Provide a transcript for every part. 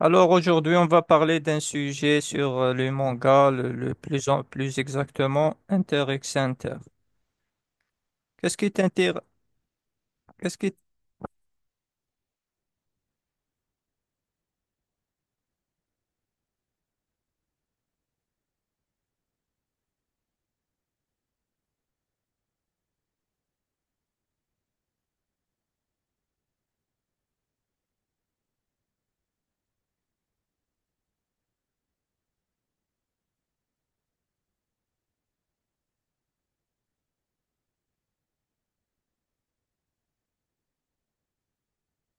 Alors aujourd'hui, on va parler d'un sujet sur le manga, le plus plus exactement X Center. Qu'est-ce qui t'inter, qu'est-ce qui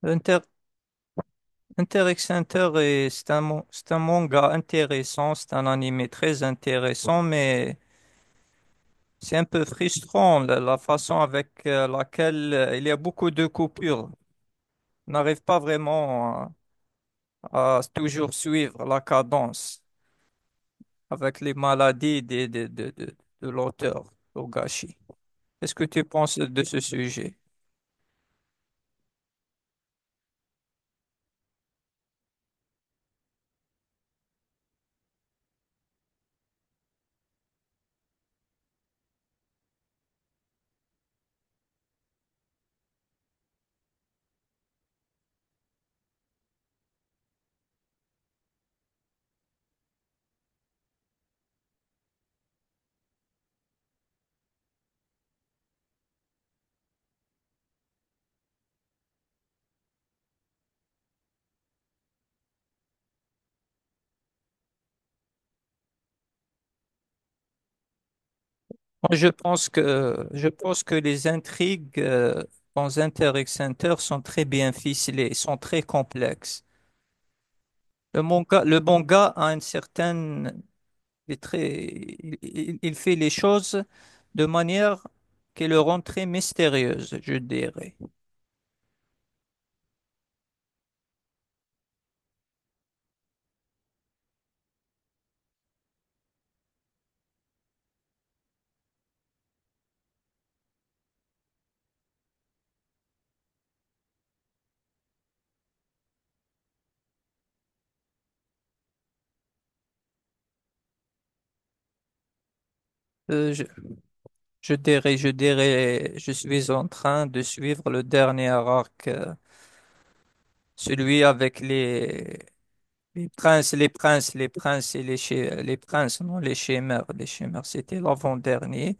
inter, X Center est, c'est un, c'est un manga intéressant, c'est un anime très intéressant, mais c'est un peu frustrant la façon avec laquelle il y a beaucoup de coupures. On n'arrive pas vraiment à toujours suivre la cadence avec les maladies de l'auteur, Togashi. Qu'est-ce que tu penses de ce sujet? Moi, je pense que les intrigues dans Inter X Inter sont très bien ficelées, sont très complexes. Le manga a une certaine, il est très, il fait les choses de manière qui le rend très mystérieuse, je dirais. Euh, je, je dirais, je dirais, je suis en train de suivre le dernier arc, celui avec les, les princes et les, chi- les princes, non, les chimères, c'était l'avant-dernier.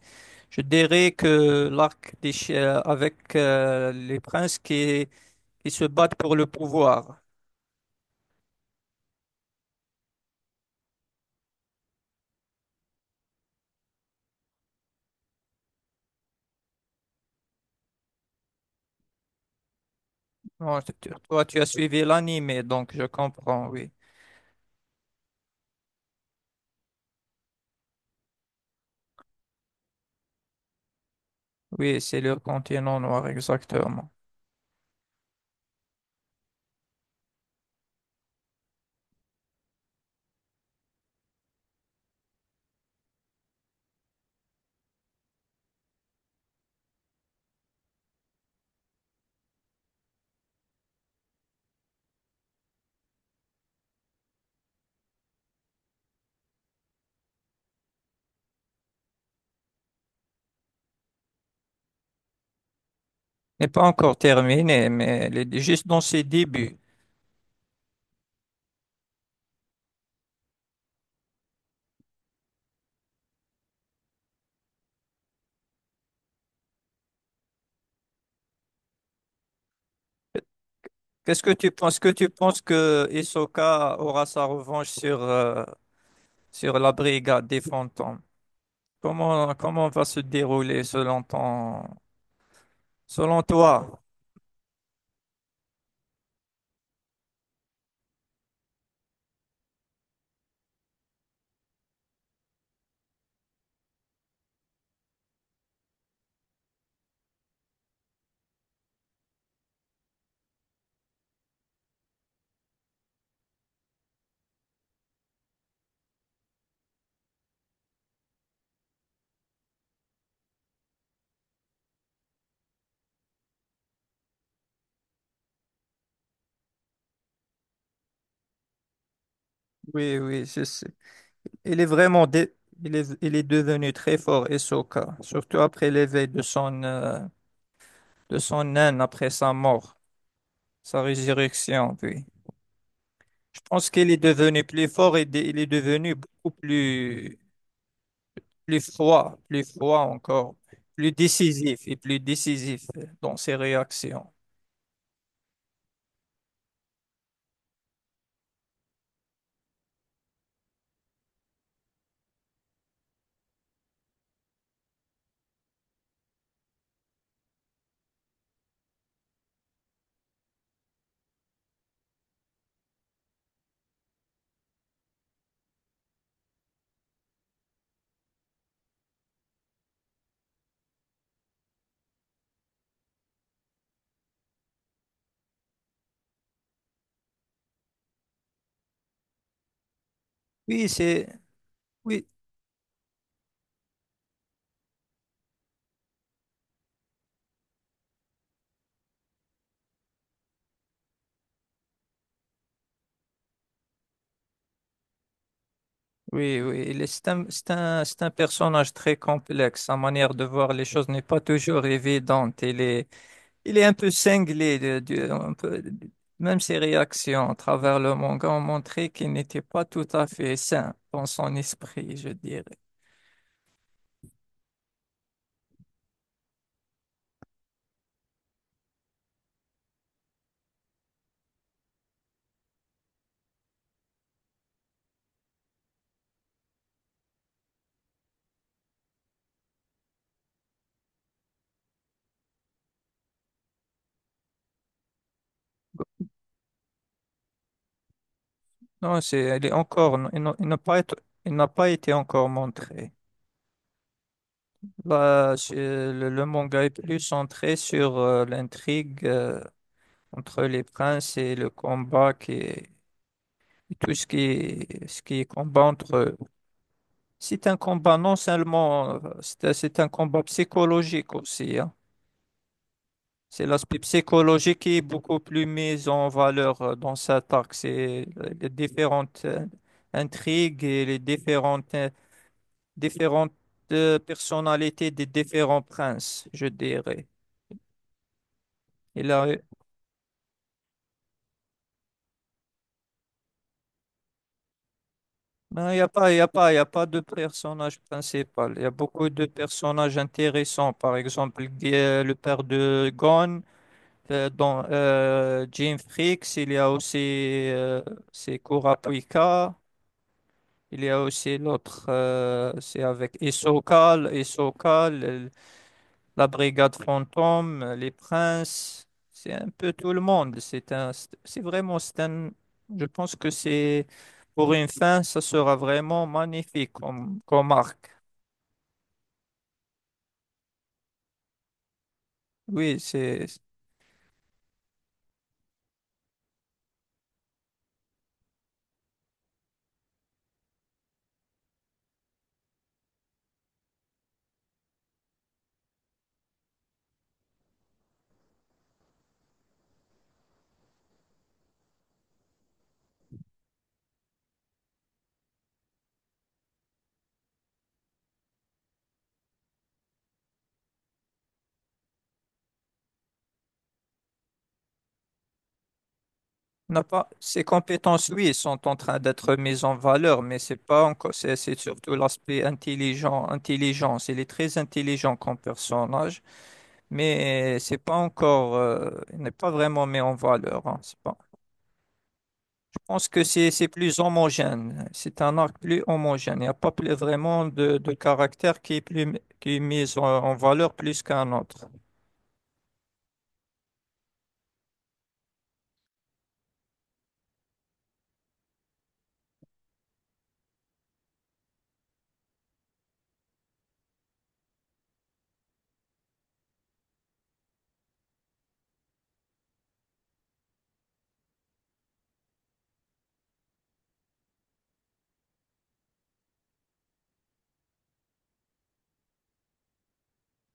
Je dirais que l'arc des avec les princes qui se battent pour le pouvoir. Bon, toi, tu as suivi l'anime, donc je comprends, oui. Oui, c'est le continent noir, exactement. N'est pas encore terminé, mais elle est juste dans ses débuts. Qu'est-ce que tu penses? Que tu penses que Hisoka aura sa revanche sur, sur la brigade des fantômes? Comment, comment va se dérouler selon ton, selon toi? Oui, oui, c'est ça. Il est vraiment dé- il est devenu très fort, Hisoka, surtout après l'éveil de son naine après sa mort, sa résurrection, puis. Je pense qu'il est devenu plus fort il est devenu beaucoup plus plus froid encore, plus décisif et plus décisif dans ses réactions. Oui, c'est oui, Oui, oui, c'est un, c'est un personnage très complexe. Sa manière de voir les choses n'est pas toujours évidente. Il est un peu cinglé. Même ses réactions à travers le manga ont montré qu'il n'était pas tout à fait sain dans son esprit, je dirais. Non, c'est, elle est encore, il n'a pas été, il n'a pas été encore montré. Le manga est plus centré sur l'intrigue entre les princes et le combat qui est, et tout ce qui est combat entre eux. C'est un combat non seulement, c'est un combat psychologique aussi, hein. C'est l'aspect psychologique qui est beaucoup plus mis en valeur dans cet arc. C'est les différentes intrigues et les différentes, différentes personnalités des différents princes, je dirais. Non, il n'y a pas, y a pas de personnage principal. Il y a beaucoup de personnages intéressants. Par exemple, le père de Gon, dans Jim Freaks, il y a aussi c'est Kurapika. Il y a aussi l'autre, c'est avec Hisoka, la brigade fantôme, les princes, c'est un peu tout le monde. C'est un, c'est vraiment, c'est un, je pense que c'est pour une fin, ça sera vraiment magnifique comme arc. Oui, c'est, on n'a pas, ces compétences, oui, sont en train d'être mises en valeur, mais c'est pas encore, c'est surtout l'aspect intelligent, intelligence. Il est très intelligent comme personnage, mais c'est pas encore, il n'est pas vraiment mis en valeur, hein. C'est pas Pense que c'est plus homogène. C'est un arc plus homogène. Il n'y a pas plus vraiment de caractère qui est plus qui est mis en, en valeur plus qu'un autre.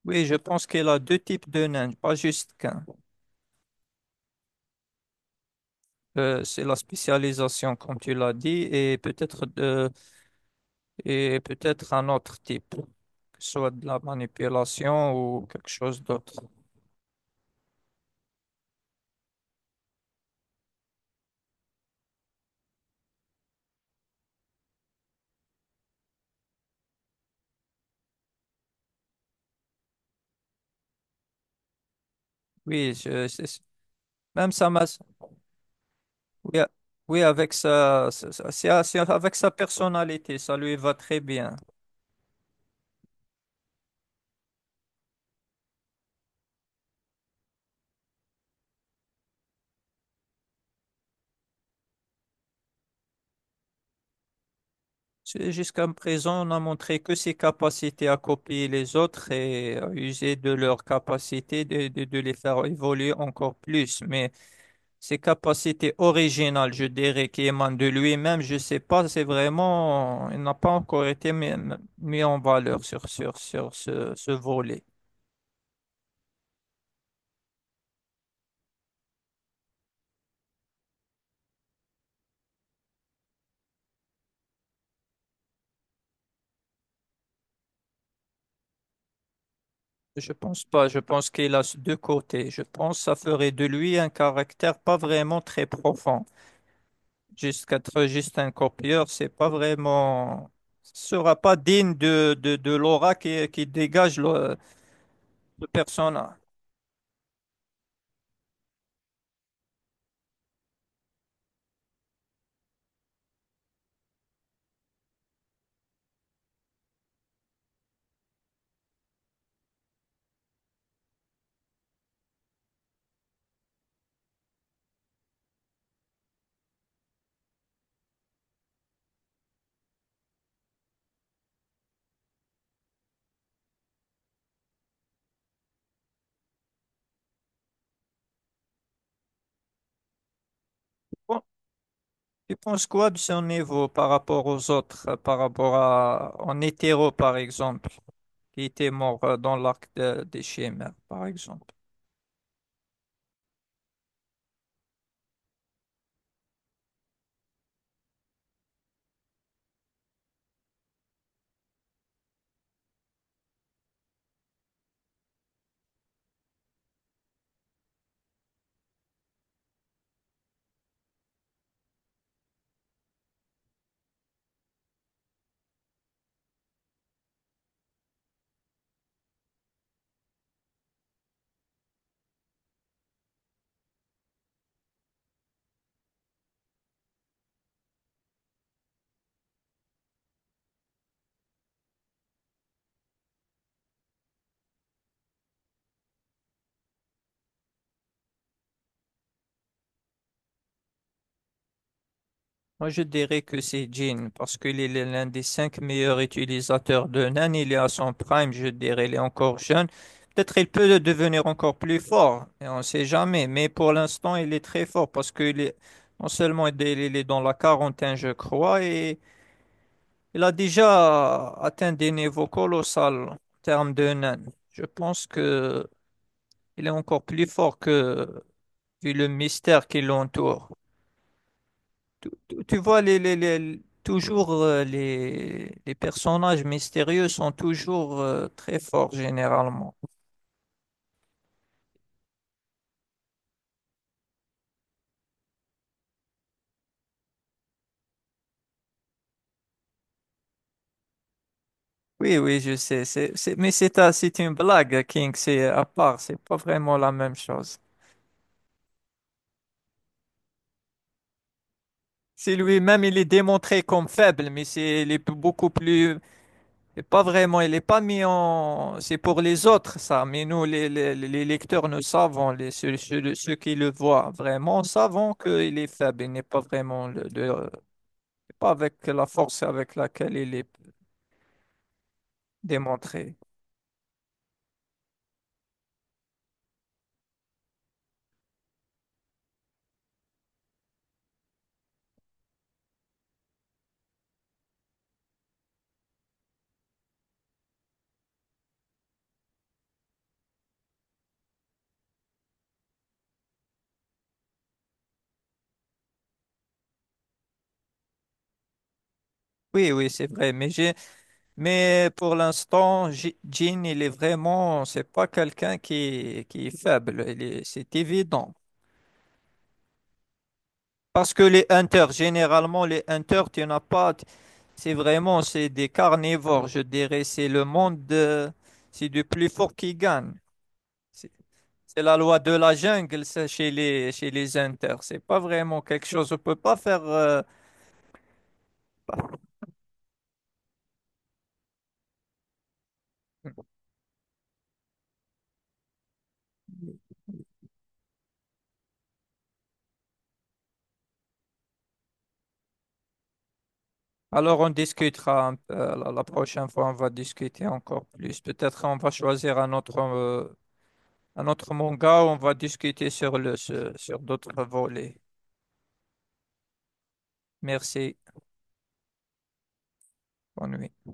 Oui, je pense qu'il a deux types de nains, pas juste qu'un. C'est la spécialisation, comme tu l'as dit, et peut-être un autre type, que ce soit de la manipulation ou quelque chose d'autre. Oui, je, c'est- même ça m'a Oui, a- Oui, avec sa, c'est avec sa personnalité, ça lui va très bien. Jusqu'à présent, on a montré que ses capacités à copier les autres et à user de leurs capacités de les faire évoluer encore plus. Mais ses capacités originales, je dirais, qui émanent de lui-même, je sais pas, c'est vraiment, il n'a pas encore été mis, mis en valeur sur ce, ce volet. Je pense pas, je pense qu'il a deux côtés. Je pense que ça ferait de lui un caractère pas vraiment très profond. Jusqu'à être juste un copieur, c'est pas vraiment, sera pas digne de l'aura qui dégage le personnage. Bon, tu penses quoi de son niveau par rapport aux autres, par rapport à en hétéro, par exemple, qui était mort dans l'arc des Chimères, par exemple? Moi, je dirais que c'est Jin, parce qu'il est l'un des cinq meilleurs utilisateurs de Nan. Il est à son prime, je dirais, il est encore jeune. Peut-être il peut devenir encore plus fort, et on ne sait jamais. Mais pour l'instant, il est très fort, parce qu'il est non seulement il est dans la quarantaine, je crois, et il a déjà atteint des niveaux colossaux en termes de nains. Je pense que il est encore plus fort que vu le mystère qui l'entoure. Tu vois, toujours les personnages mystérieux sont toujours très forts généralement. Oui, oui, je sais. Mais c'est une blague, King. C'est à part. C'est pas vraiment la même chose. C'est lui-même, il est démontré comme faible, mais c'est, il est beaucoup plus et pas vraiment, il n'est pas mis en... C'est pour les autres, ça, mais nous, les lecteurs, nous savons, ceux qui le voient vraiment, savons qu'il est faible, il n'est pas vraiment, pas avec la force avec laquelle il est démontré. Oui, oui, c'est vrai, mais pour l'instant, Jean, il est vraiment, c'est pas quelqu'un qui est faible, c'est évident. Parce que les hunters, généralement, les hunters, tu n'as pas. C'est vraiment, c'est des carnivores, je dirais. C'est le monde, c'est du plus fort qui gagne. C'est c'est la loi de la jungle, ça, chez les hunters. C'est pas vraiment quelque chose, on peut pas faire. Alors, on discutera un peu, la prochaine fois, on va discuter encore plus. Peut-être on va choisir un autre manga, on va discuter sur sur d'autres volets. Merci, bonne nuit.